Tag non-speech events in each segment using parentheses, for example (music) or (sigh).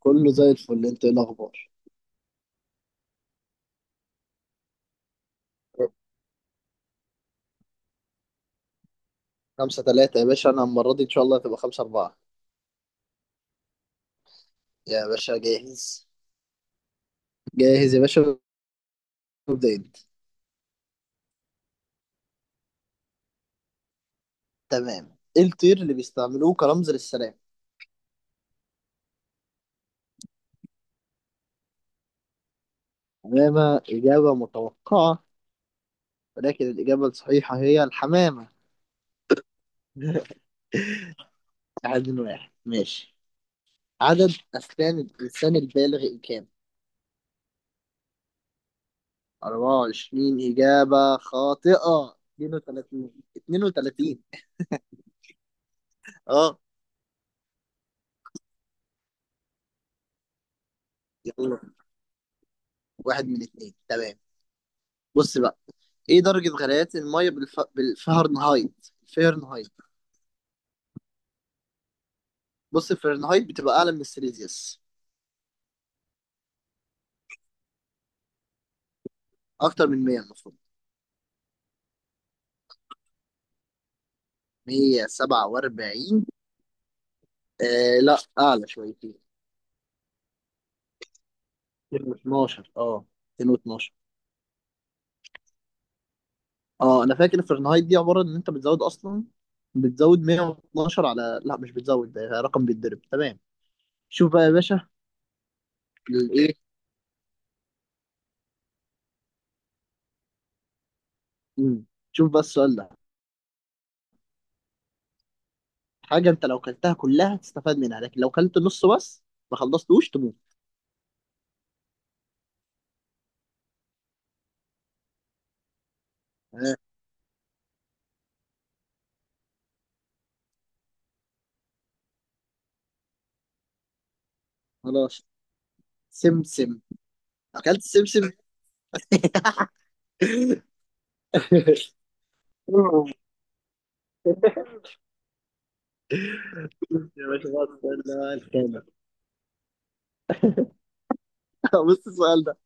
كله زي الفل. انت ايه الاخبار؟ خمسة تلاتة يا باشا، انا المرة دي ان شاء الله هتبقى خمسة اربعة. يا باشا جاهز. جاهز يا باشا. ابدأ انت. تمام. ايه الطير اللي بيستعملوه كرمز للسلام؟ حمامة إجابة متوقعة، ولكن الإجابة الصحيحة هي الحمامة. (laughs) واحد من واحد ماشي. عدد أسنان الإنسان البالغ كام؟ 24 إجابة خاطئة. 32. 32. اه. يلا. واحد من اتنين تمام. بص بقى، ايه درجة غليان المية بالفahrenheit؟ بص، الفahrenheit بتبقى أعلى من السيليزيوس. أكتر من 100 المفروض. 147. آه لا، أعلى شويتين. 212 اه. 212. اه، أنا فاكر الفahrenheit دي عبارة إن أنت بتزود أصلا. بتزود 112 على، لا مش بتزود، ده رقم بيتضرب. تمام. شوف بقى يا باشا. الإيه؟ مم. شوف بقى السؤال ده. حاجة أنت لو كلتها كلها تستفاد منها، لكن لو كلت نص بس ما خلصتوش تموت. آه. خلاص. سمسم. اكلت السمسم. (laughs) يا باشا بقى، السؤال ده بقى الخامة. (laughs) بص السؤال ده.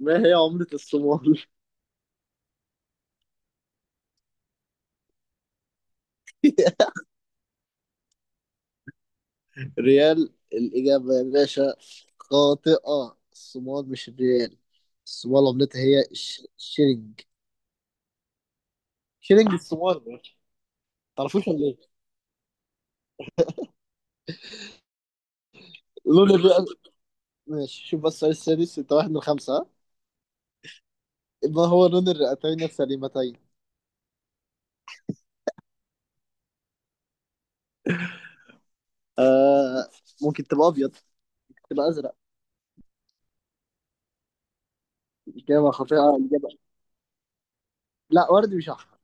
ما هي عملة الصومال؟ (laughs) ريال الإجابة يا باشا خاطئة. الصومال مش الريال. الصومال عملتها هي الشيلينج. شيلينج الصومال، ما تعرفوش ولا ايه؟ لون الرئة. ماشي، شوف بس السؤال السادس، انت واحد من خمسة، ها؟ ما هو لون الرئتين السليمتين؟ آه، ممكن تبقى أبيض، تبقى أزرق. إجابة خاطئة. إجابة لا، وردي مش أحمر.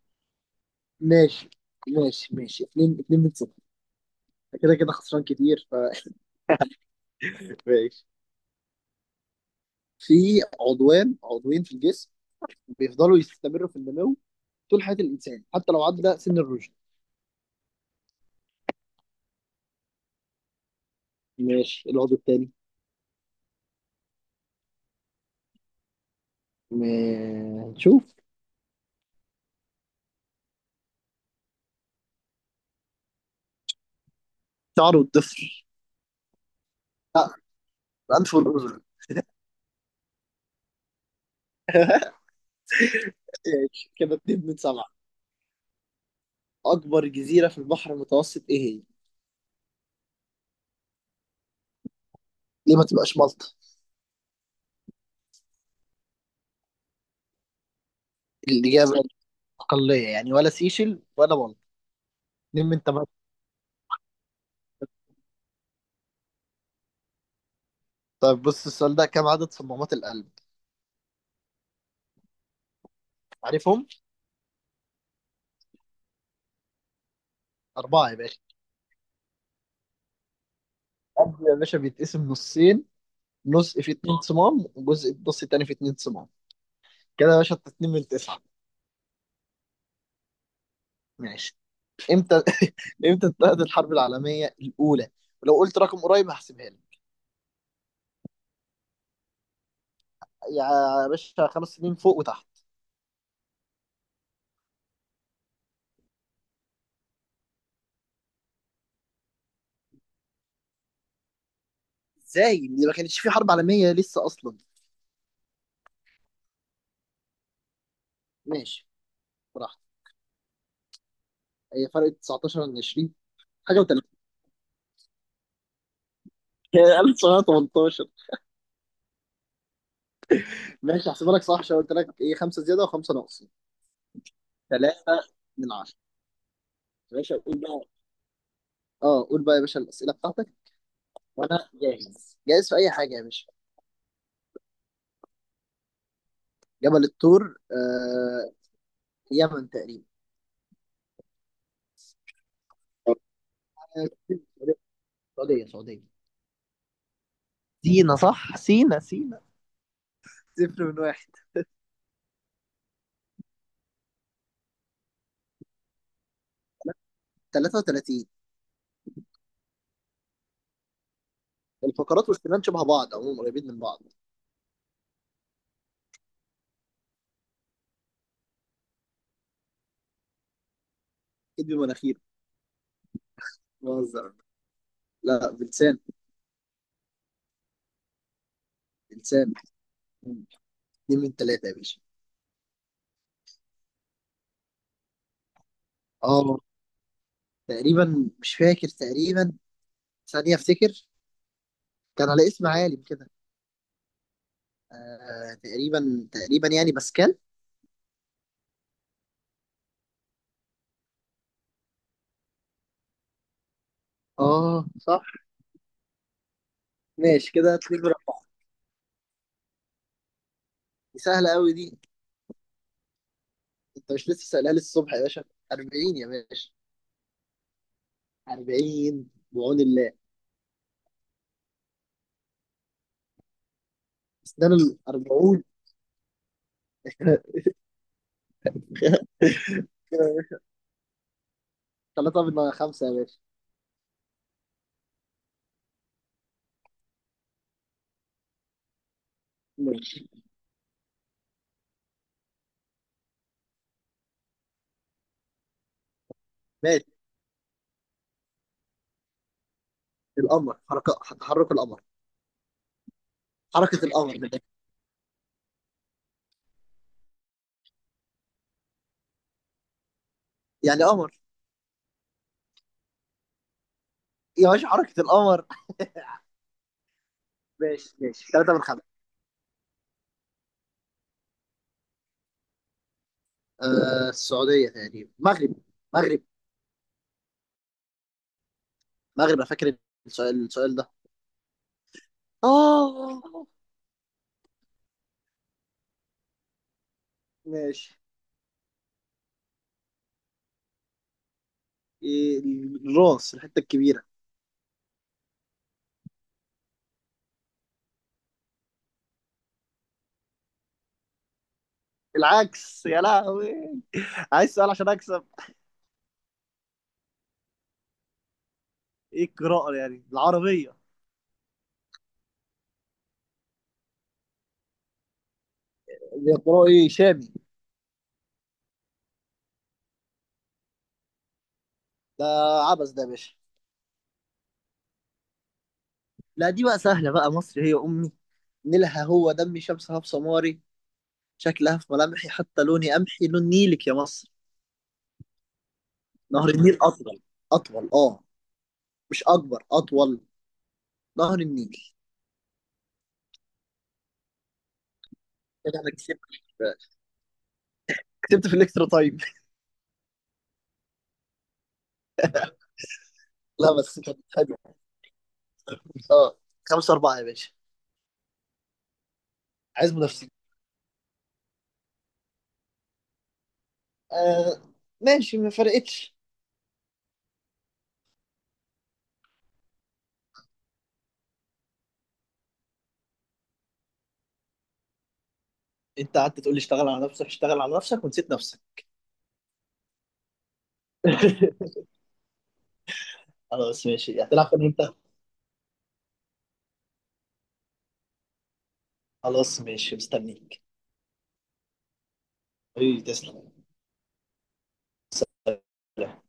ماشي. ماشي ماشي، اتنين من صفر. كده كده خسران كتير ف... (laughs) ماشي. في عضوين في الجسم بيفضلوا يستمروا في النمو طول حياة الإنسان، حتى لو عدى سن الرشد. ماشي، العضو التاني. نشوف. شعر، الضفر. لا، الأنف والأذن. ماشي كده، اتنين من سبعة. أكبر جزيرة في البحر المتوسط إيه هي؟ ليه ما تبقاش مالطا؟ الإجابة أقلية يعني، ولا سيشل ولا مالطا. اتنين من تمانية. طيب، بص السؤال ده، كم عدد صمامات القلب؟ عارفهم؟ أربعة يا باشا. القلب يا باشا بيتقسم نصين. نص فيه اتنين صمام، وجزء النص التاني فيه اتنين صمام. كده يا باشا انت اتنين من تسعة. ماشي. امتى (laughs) امتى انتهت الحرب العالمية الأولى؟ ولو قلت رقم قريب هحسبها لك. يا باشا، 5 سنين فوق وتحت. ازاي؟ دي ما كانتش في حرب عالمية لسه أصلا. ماشي براحتك. هي فرق 19 عن 20، حاجة و3. (laughs) 1918. ماشي، هحسبها لك صح عشان قلت لك ايه، خمسة زيادة وخمسة ناقص. ثلاثة من عشرة. يا باشا قول بقى. اه، قول بقى يا باشا الأسئلة بتاعتك. وانا جاهز، جاهز في اي حاجه يا باشا. جبل الطور، يمن تقريبا. آه، سعوديه سعوديه. سينا صح، سينا سينا. صفر من واحد. 33. الفقرات والسنان شبه بعض، عموما قريبين من بعض. اكيد بمناخير، بهزر. لا، بلسان. بلسان. اتنين من ثلاثه يا باشا. اه، تقريبا مش فاكر، تقريبا ثانيه افتكر. كان على اسم عالم كده. آه، تقريبا تقريبا يعني باسكال. اه صح. ماشي كده، اتنين من أربعة. دي سهله قوي دي. انت مش لسه سألها لي الصبح يا باشا؟ 40 يا باشا. 40 بعون الله. اسنان ال 40. 3 (laughs) من 5 يا باشا. ماشي ماشي. القمر حركة تحرك القمر. حركة القمر من الآخر. يعني قمر. يا باشا، حركة القمر. ماشي ماشي، 3 من 5. آه، السعودية تقريبا. مغرب. مغرب. مغرب انا فاكر. السؤال ده. اه. ماشي. إيه، الراس، الحتة الكبيرة. العكس يا لهوي. عايز سؤال عشان اكسب. ايه القراءة، يعني العربية؟ بيقرأوا ايه؟ شامي. ده عبس ده يا باشا. لا، دي بقى سهلة بقى. مصر هي أمي، نيلها هو دمي، شمسها في سماري، شكلها في ملامحي، حتى لوني قمحي لون نيلك يا مصر. نهر النيل أطول. أطول، أه. مش أكبر، أطول. نهر النيل. كده أنا كسبت. كسبت في الإكسترا تايم. (laughs) لا، بس كانت حلوة. أه. خمسة أربعة يا باشا. عايز منافسين. آه. ماشي، ما فرقتش. أنت قعدت تقول لي اشتغل على نفسك، اشتغل على نفسك، ونسيت نفسك. (laughs) خلاص ماشي، هتلعب فين، امتى؟ خلاص ماشي، مستنيك. ايه، تسلم. سلام.